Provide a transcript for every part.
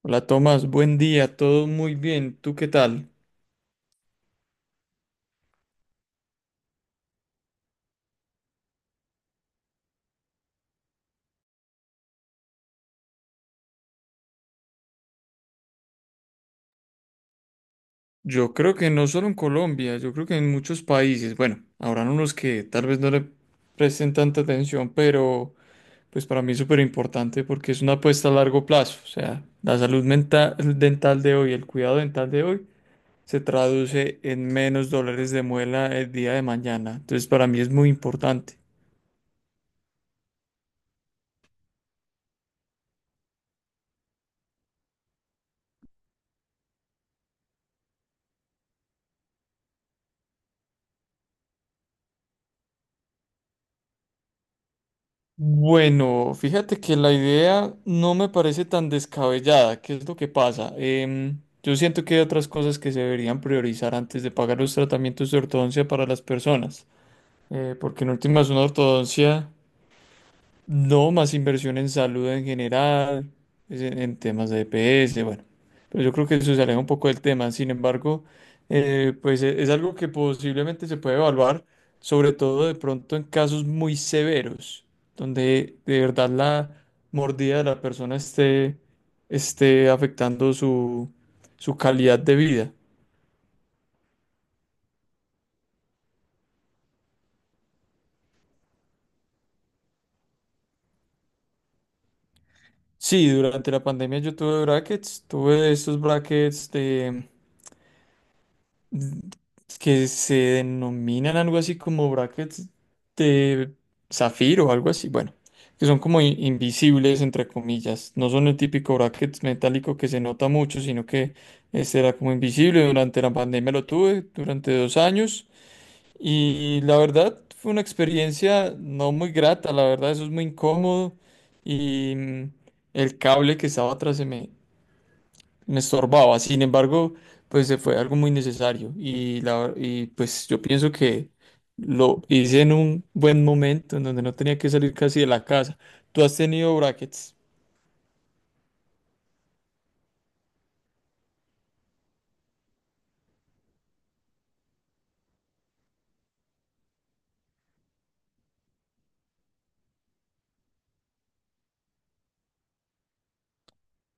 Hola Tomás, buen día, todo muy bien, ¿tú qué tal? Yo creo que no solo en Colombia, yo creo que en muchos países, bueno, habrán unos que tal vez no le presten tanta atención, pero pues para mí es súper importante porque es una apuesta a largo plazo, o sea, la salud mental, dental de hoy, el cuidado dental de hoy, se traduce en menos dólares de muela el día de mañana, entonces para mí es muy importante. Bueno, fíjate que la idea no me parece tan descabellada. ¿Qué es lo que pasa? Yo siento que hay otras cosas que se deberían priorizar antes de pagar los tratamientos de ortodoncia para las personas. Porque en últimas una ortodoncia no, más inversión en salud en general, es en temas de EPS, bueno. Pero yo creo que eso se aleja un poco del tema. Sin embargo, pues es, algo que posiblemente se puede evaluar, sobre todo de pronto en casos muy severos, donde de verdad la mordida de la persona esté, esté afectando su, su calidad de vida. Sí, durante la pandemia yo tuve brackets, tuve estos brackets mm, que se denominan algo así como brackets de zafiro o algo así, bueno, que son como invisibles entre comillas, no son el típico bracket metálico que se nota mucho, sino que este era como invisible, durante la pandemia lo tuve durante dos años y la verdad fue una experiencia no muy grata, la verdad eso es muy incómodo y mm, el cable que estaba atrás se me estorbaba. Sin embargo, pues se fue algo muy necesario y, la, y pues yo pienso que lo hice en un buen momento en donde no tenía que salir casi de la casa. ¿Tú has tenido brackets?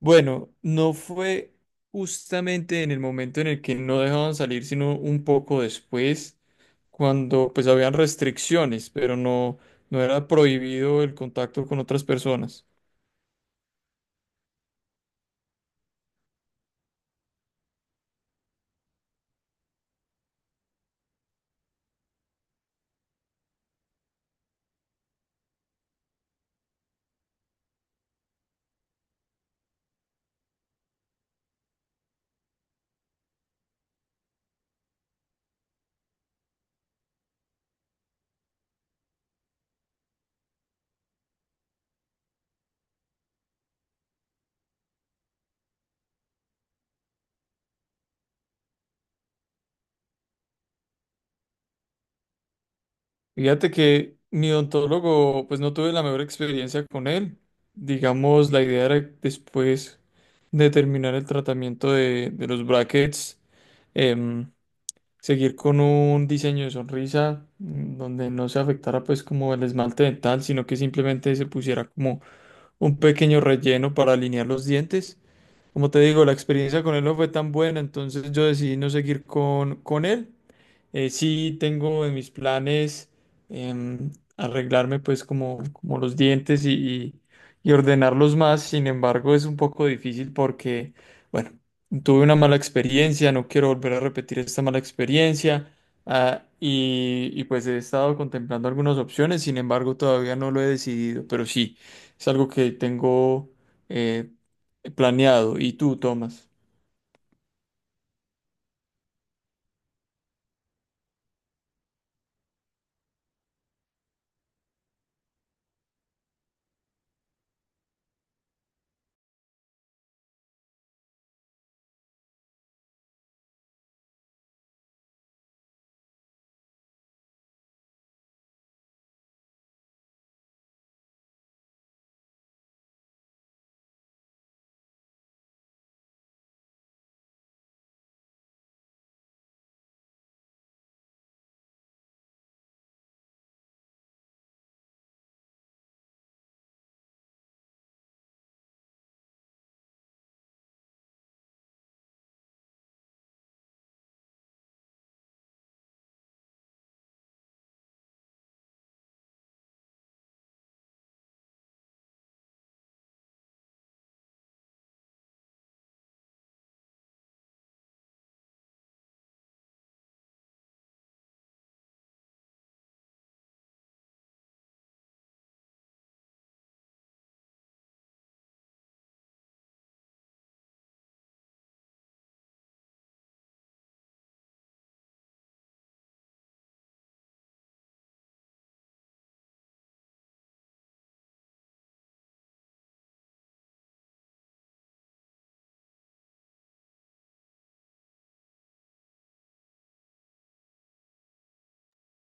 Bueno, no fue justamente en el momento en el que no dejaban salir, sino un poco después, cuando pues habían restricciones, pero no, no era prohibido el contacto con otras personas. Fíjate que mi odontólogo, pues no tuve la mejor experiencia con él. Digamos, la idea era después de terminar el tratamiento de los brackets, em, seguir con un diseño de sonrisa mm, donde no se afectara pues como el esmalte dental, sino que simplemente se pusiera como un pequeño relleno para alinear los dientes. Como te digo, la experiencia con él no fue tan buena, entonces yo decidí no seguir con él. Sí tengo en mis planes em, arreglarme pues como, como los dientes y ordenarlos más, sin embargo es un poco difícil porque, bueno, tuve una mala experiencia, no quiero volver a repetir esta mala experiencia ah, y pues he estado contemplando algunas opciones, sin embargo todavía no lo he decidido, pero sí, es algo que tengo... eh, Planeado. ¿Y tú, Tomás?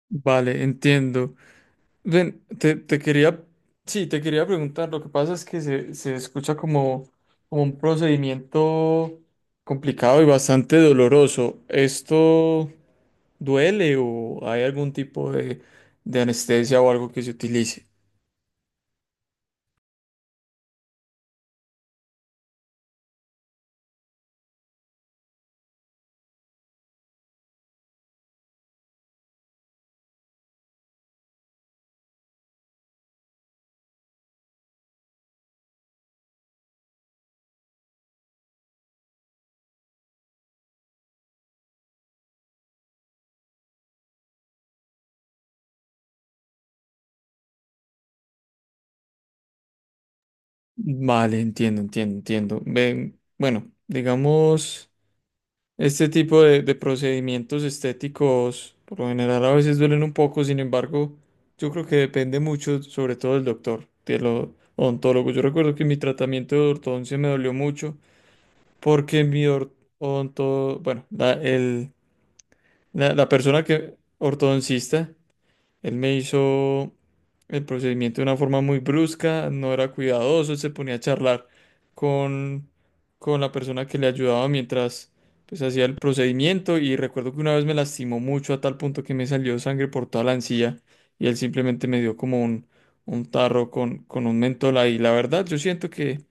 Vale, entiendo. Ven, te quería preguntar, lo que pasa es que se escucha como, como un procedimiento complicado y bastante doloroso. ¿Esto duele o hay algún tipo de anestesia o algo que se utilice? Vale, entiendo, entiendo, entiendo. Ven, bueno, digamos... Este tipo de procedimientos estéticos por lo general a veces duelen un poco, sin embargo, yo creo que depende mucho, sobre todo del doctor, del odontólogo. Yo recuerdo que mi tratamiento de ortodoncia me dolió mucho porque mi or- odonto, bueno, la, el, la persona que, ortodoncista, él me hizo el procedimiento de una forma muy brusca, no era cuidadoso, él se ponía a charlar con, con la persona que le ayudaba mientras pues hacía el procedimiento y recuerdo que una vez me lastimó mucho a tal punto que me salió sangre por toda la encía y él simplemente me dio como un tarro con un mentol ahí. La verdad, yo siento que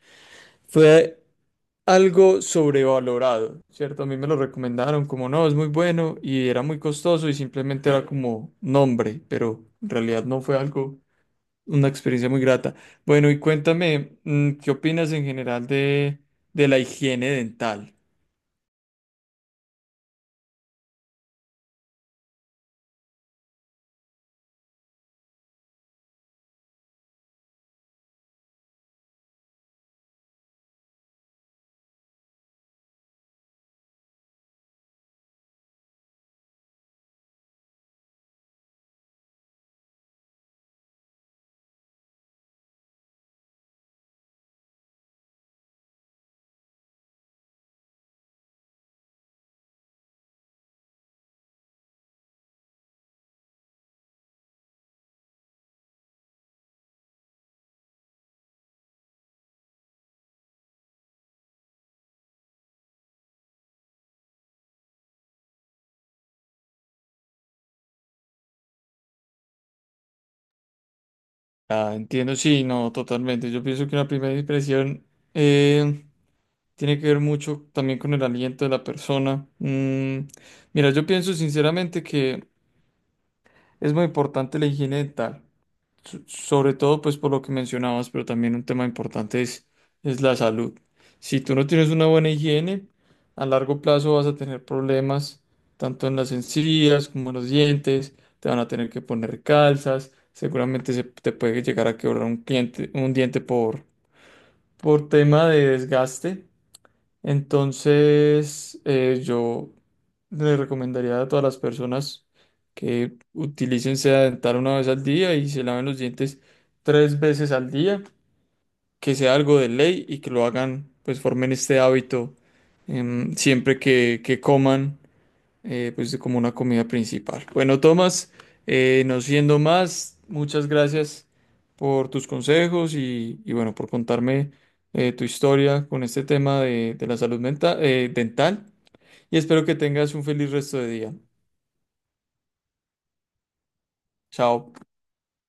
fue algo sobrevalorado, ¿cierto? A mí me lo recomendaron como no, es muy bueno y era muy costoso y simplemente era como nombre, pero en realidad no fue algo, una experiencia muy grata. Bueno, y cuéntame, mm, ¿qué opinas en general de la higiene dental? Ah, entiendo, sí, no, totalmente. Yo pienso que una primera impresión eh, tiene que ver mucho también con el aliento de la persona. Mm, mira, yo pienso sinceramente que es muy importante la higiene dental. Sobre todo, pues por lo que mencionabas, pero también un tema importante es la salud. Si tú no tienes una buena higiene, a largo plazo vas a tener problemas tanto en las encías como en los dientes, te van a tener que poner calzas, seguramente se te puede llegar a quebrar un cliente, un diente por tema de desgaste. Entonces, yo le recomendaría a todas las personas que utilicen seda dental una vez al día y se laven los dientes tres veces al día, que sea algo de ley y que lo hagan, pues formen este hábito siempre que coman, pues como una comida principal. Bueno, Tomás, no siendo más, muchas gracias por tus consejos y bueno, por contarme tu historia con este tema de la salud mental, dental y espero que tengas un feliz resto de día. Chao.